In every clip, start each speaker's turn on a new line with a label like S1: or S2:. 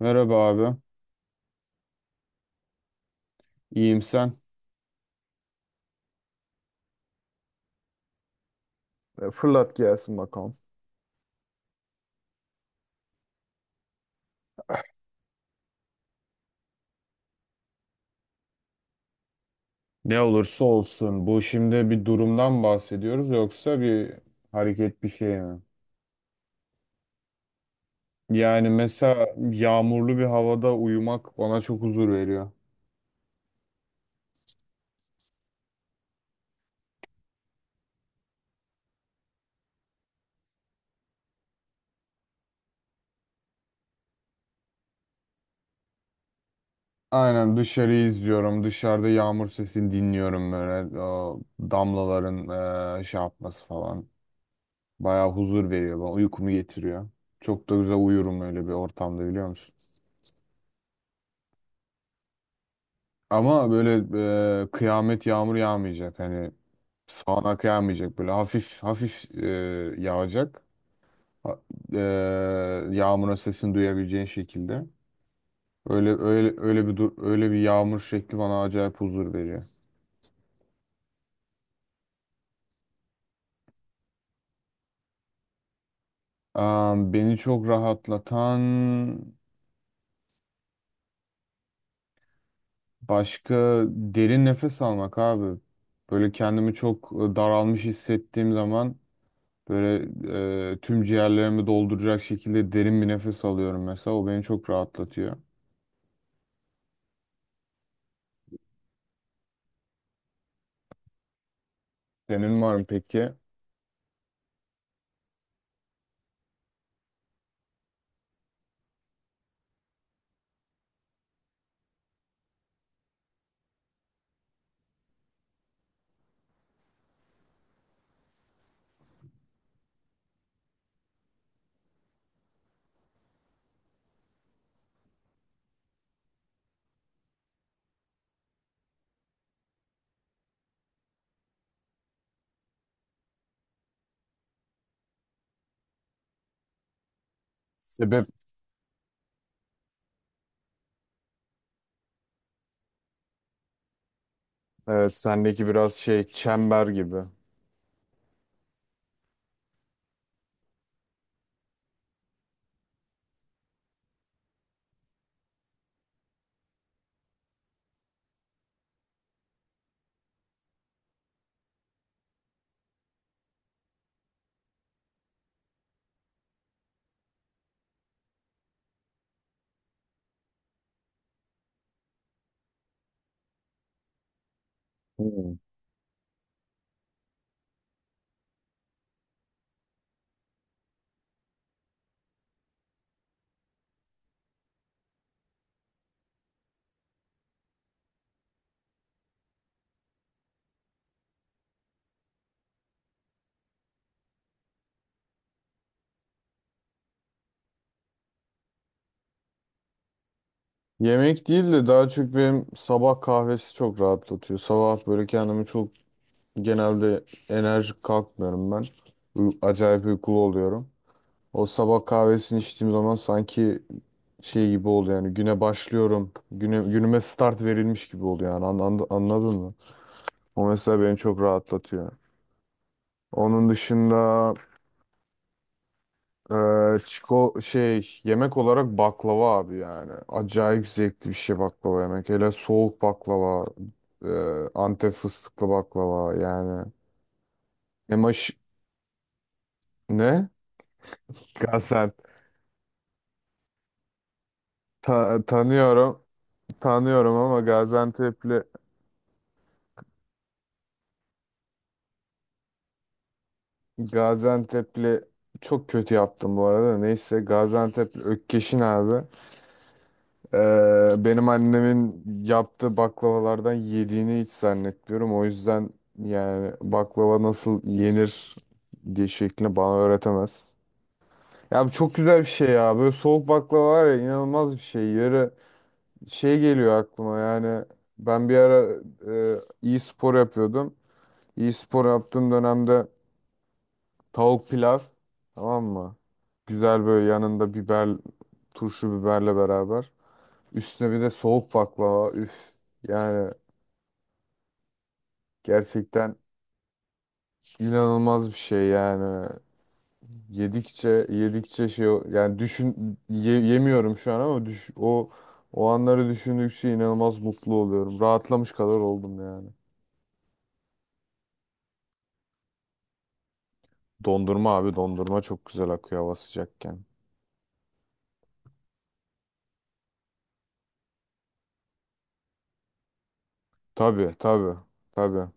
S1: Merhaba abi. İyiyim sen. Fırlat gelsin bakalım. Ne olursa olsun, bu şimdi bir durumdan bahsediyoruz yoksa bir hareket bir şey mi? Yani mesela yağmurlu bir havada uyumak bana çok huzur veriyor. Aynen, dışarıyı izliyorum. Dışarıda yağmur sesini dinliyorum böyle. O damlaların şey yapması falan. Bayağı huzur veriyor bana. Uykumu getiriyor. Çok da güzel uyurum öyle bir ortamda, biliyor musun? Ama böyle kıyamet yağmur yağmayacak. Hani sağanak yağmayacak, böyle hafif hafif yağacak. Ha- E, yağmurun sesini duyabileceğin şekilde. Öyle öyle öyle bir dur, öyle bir yağmur şekli bana acayip huzur veriyor. Beni çok rahatlatan başka, derin nefes almak abi. Böyle kendimi çok daralmış hissettiğim zaman böyle, tüm ciğerlerimi dolduracak şekilde derin bir nefes alıyorum mesela. O beni çok rahatlatıyor. Senin var mı peki? Sebep. Evet, sendeki biraz şey, çember gibi. Hmm. Yemek değil de daha çok benim sabah kahvesi çok rahatlatıyor. Sabah böyle kendimi çok, genelde enerjik kalkmıyorum ben. Acayip uykulu oluyorum. O sabah kahvesini içtiğim zaman sanki şey gibi oluyor, yani güne başlıyorum. Güne, günüme start verilmiş gibi oluyor yani. Anladın mı? O mesela beni çok rahatlatıyor. Onun dışında çiko şey, yemek olarak baklava abi yani. Acayip zevkli bir şey baklava yemek. Hele soğuk baklava, e, Antep fıstıklı baklava yani. Emaş ne? Gaziantep. Tanıyorum. Tanıyorum ama Gaziantep'li. Gaziantep'li çok kötü yaptım bu arada. Neyse Gaziantep'li Ökkeş'in abi. Benim annemin yaptığı baklavalardan yediğini hiç zannetmiyorum. O yüzden yani baklava nasıl yenir diye şeklini bana öğretemez. Ya bu çok güzel bir şey ya. Böyle soğuk baklava var ya, inanılmaz bir şey. Yarı şey geliyor aklıma, yani ben bir ara e, iyi spor yapıyordum. İyi spor yaptığım dönemde tavuk pilav, tamam mı? Güzel böyle yanında biber, turşu biberle beraber. Üstüne bir de soğuk baklava. Üf. Yani gerçekten inanılmaz bir şey yani. Yedikçe yedikçe şey yani düşün, yemiyorum şu an ama düş, o o anları düşündükçe inanılmaz mutlu oluyorum. Rahatlamış kadar oldum yani. Dondurma abi, dondurma çok güzel akıyor hava sıcakken. Tabii, tabii, tabii.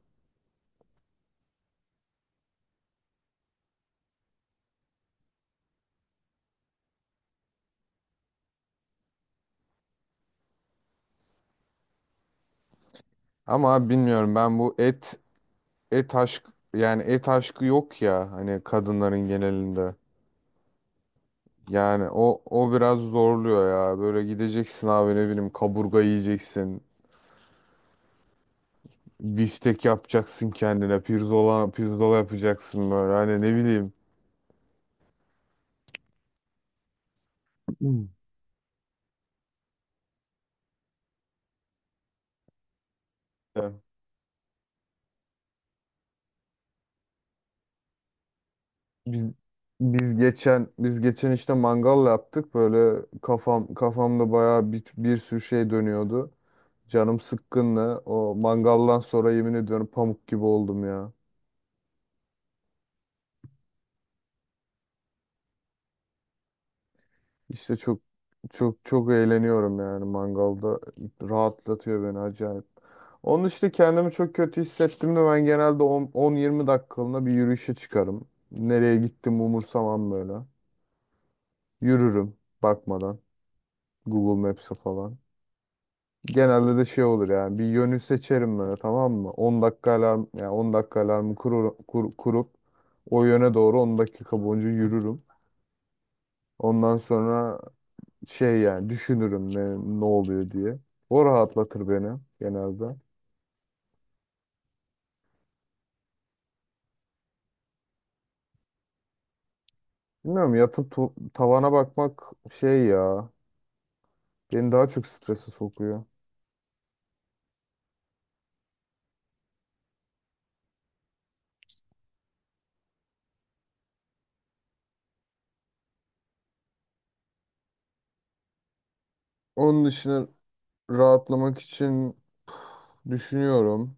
S1: Ama abi bilmiyorum, ben bu et, et aşk, yani et aşkı yok ya hani, kadınların genelinde. Yani o o biraz zorluyor ya. Böyle gideceksin abi, ne bileyim, kaburga yiyeceksin. Biftek yapacaksın kendine. Pirzola, pirzola yapacaksın böyle. Hani ne bileyim. Hmm. Ya Biz, biz geçen işte mangal yaptık. Böyle kafamda bayağı bir sürü şey dönüyordu. Canım sıkkınla o mangaldan sonra yemin ediyorum pamuk gibi oldum ya. İşte çok çok eğleniyorum yani mangalda, rahatlatıyor beni acayip. Onun işte, kendimi çok kötü hissettiğimde ben genelde 10 10-20 dakikalığına bir yürüyüşe çıkarım. Nereye gittim umursamam böyle. Yürürüm, bakmadan Google Maps'e falan. Genelde de şey olur yani, bir yönü seçerim böyle, tamam mı? 10 dakika alarm, yani 10 dakika alarmı kurup o yöne doğru 10 dakika boyunca yürürüm. Ondan sonra şey yani, düşünürüm ne, ne oluyor diye. O rahatlatır beni genelde. Bilmiyorum, yatıp tavana bakmak şey ya, beni daha çok strese sokuyor. Onun dışında, rahatlamak için düşünüyorum.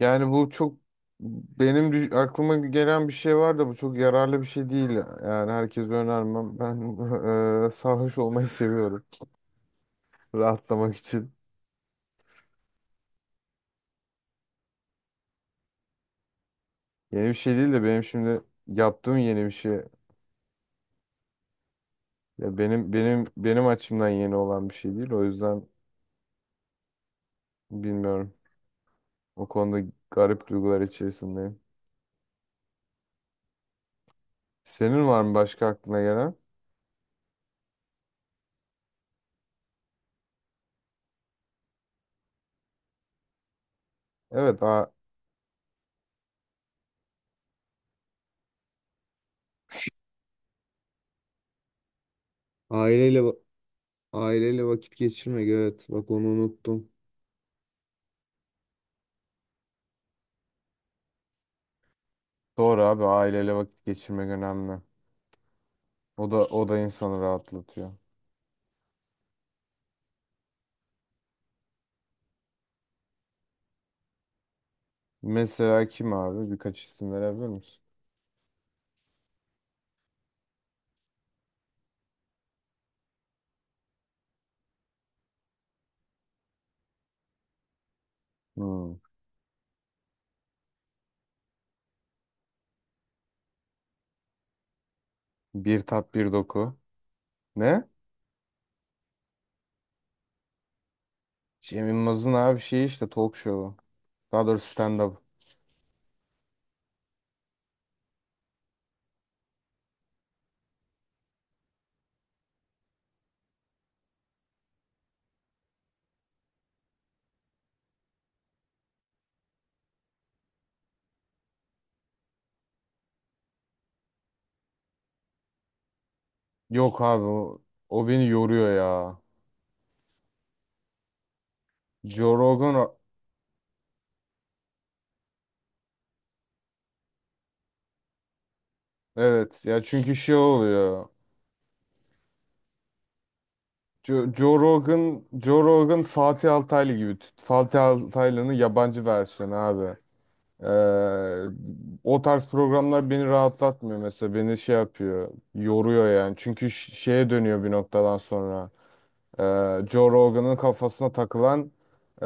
S1: Yani bu çok benim aklıma gelen bir şey var da, bu çok yararlı bir şey değil. Yani herkese önermem. Ben sarhoş olmayı seviyorum rahatlamak için. Yeni bir şey değil de benim şimdi yaptığım yeni bir şey. Ya benim açımdan yeni olan bir şey değil. O yüzden bilmiyorum. O konuda garip duygular içerisindeyim. Senin var mı başka aklına gelen? Evet, a. Aileyle va- Aileyle vakit geçirmek, evet. Bak onu unuttum. Doğru abi, aileyle vakit geçirmek önemli. O da insanı rahatlatıyor. Mesela kim abi? Birkaç isim verebilir misin? Hmm. Bir tat, bir doku. Ne? Cem Yılmaz'ın abi şeyi, işte talk show'u. Daha doğrusu stand-up. Yok abi, o, o beni yoruyor ya. Joe Rogan, evet ya, çünkü şey oluyor. Joe, Rogan, Joe Rogan Fatih Altaylı gibi. Fatih Altaylı'nın yabancı versiyonu abi. Ee, o tarz programlar beni rahatlatmıyor mesela. Beni şey yapıyor. Yoruyor yani. Çünkü şeye dönüyor bir noktadan sonra. Joe Rogan'ın kafasına takılan, ee,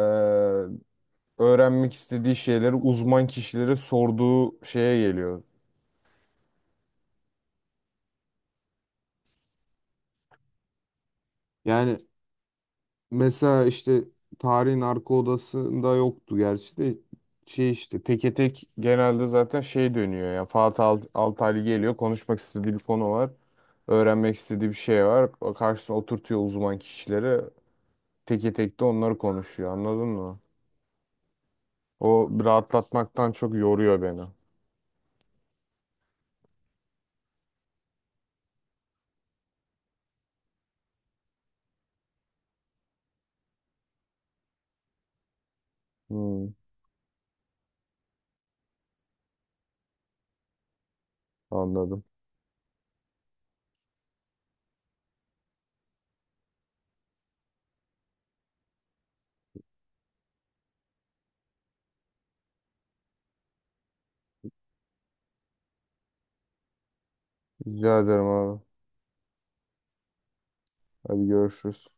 S1: öğrenmek istediği şeyleri uzman kişilere sorduğu şeye geliyor. Yani mesela, işte tarihin arka odasında yoktu gerçi de, şey işte teke tek genelde zaten, şey dönüyor ya, Fatih Altaylı geliyor, konuşmak istediği bir konu var, öğrenmek istediği bir şey var, karşısına oturtuyor uzman kişileri, teke tek de onları konuşuyor, anladın mı? O rahatlatmaktan çok yoruyor beni. Hmm, anladım. Rica ederim abi. Hadi görüşürüz.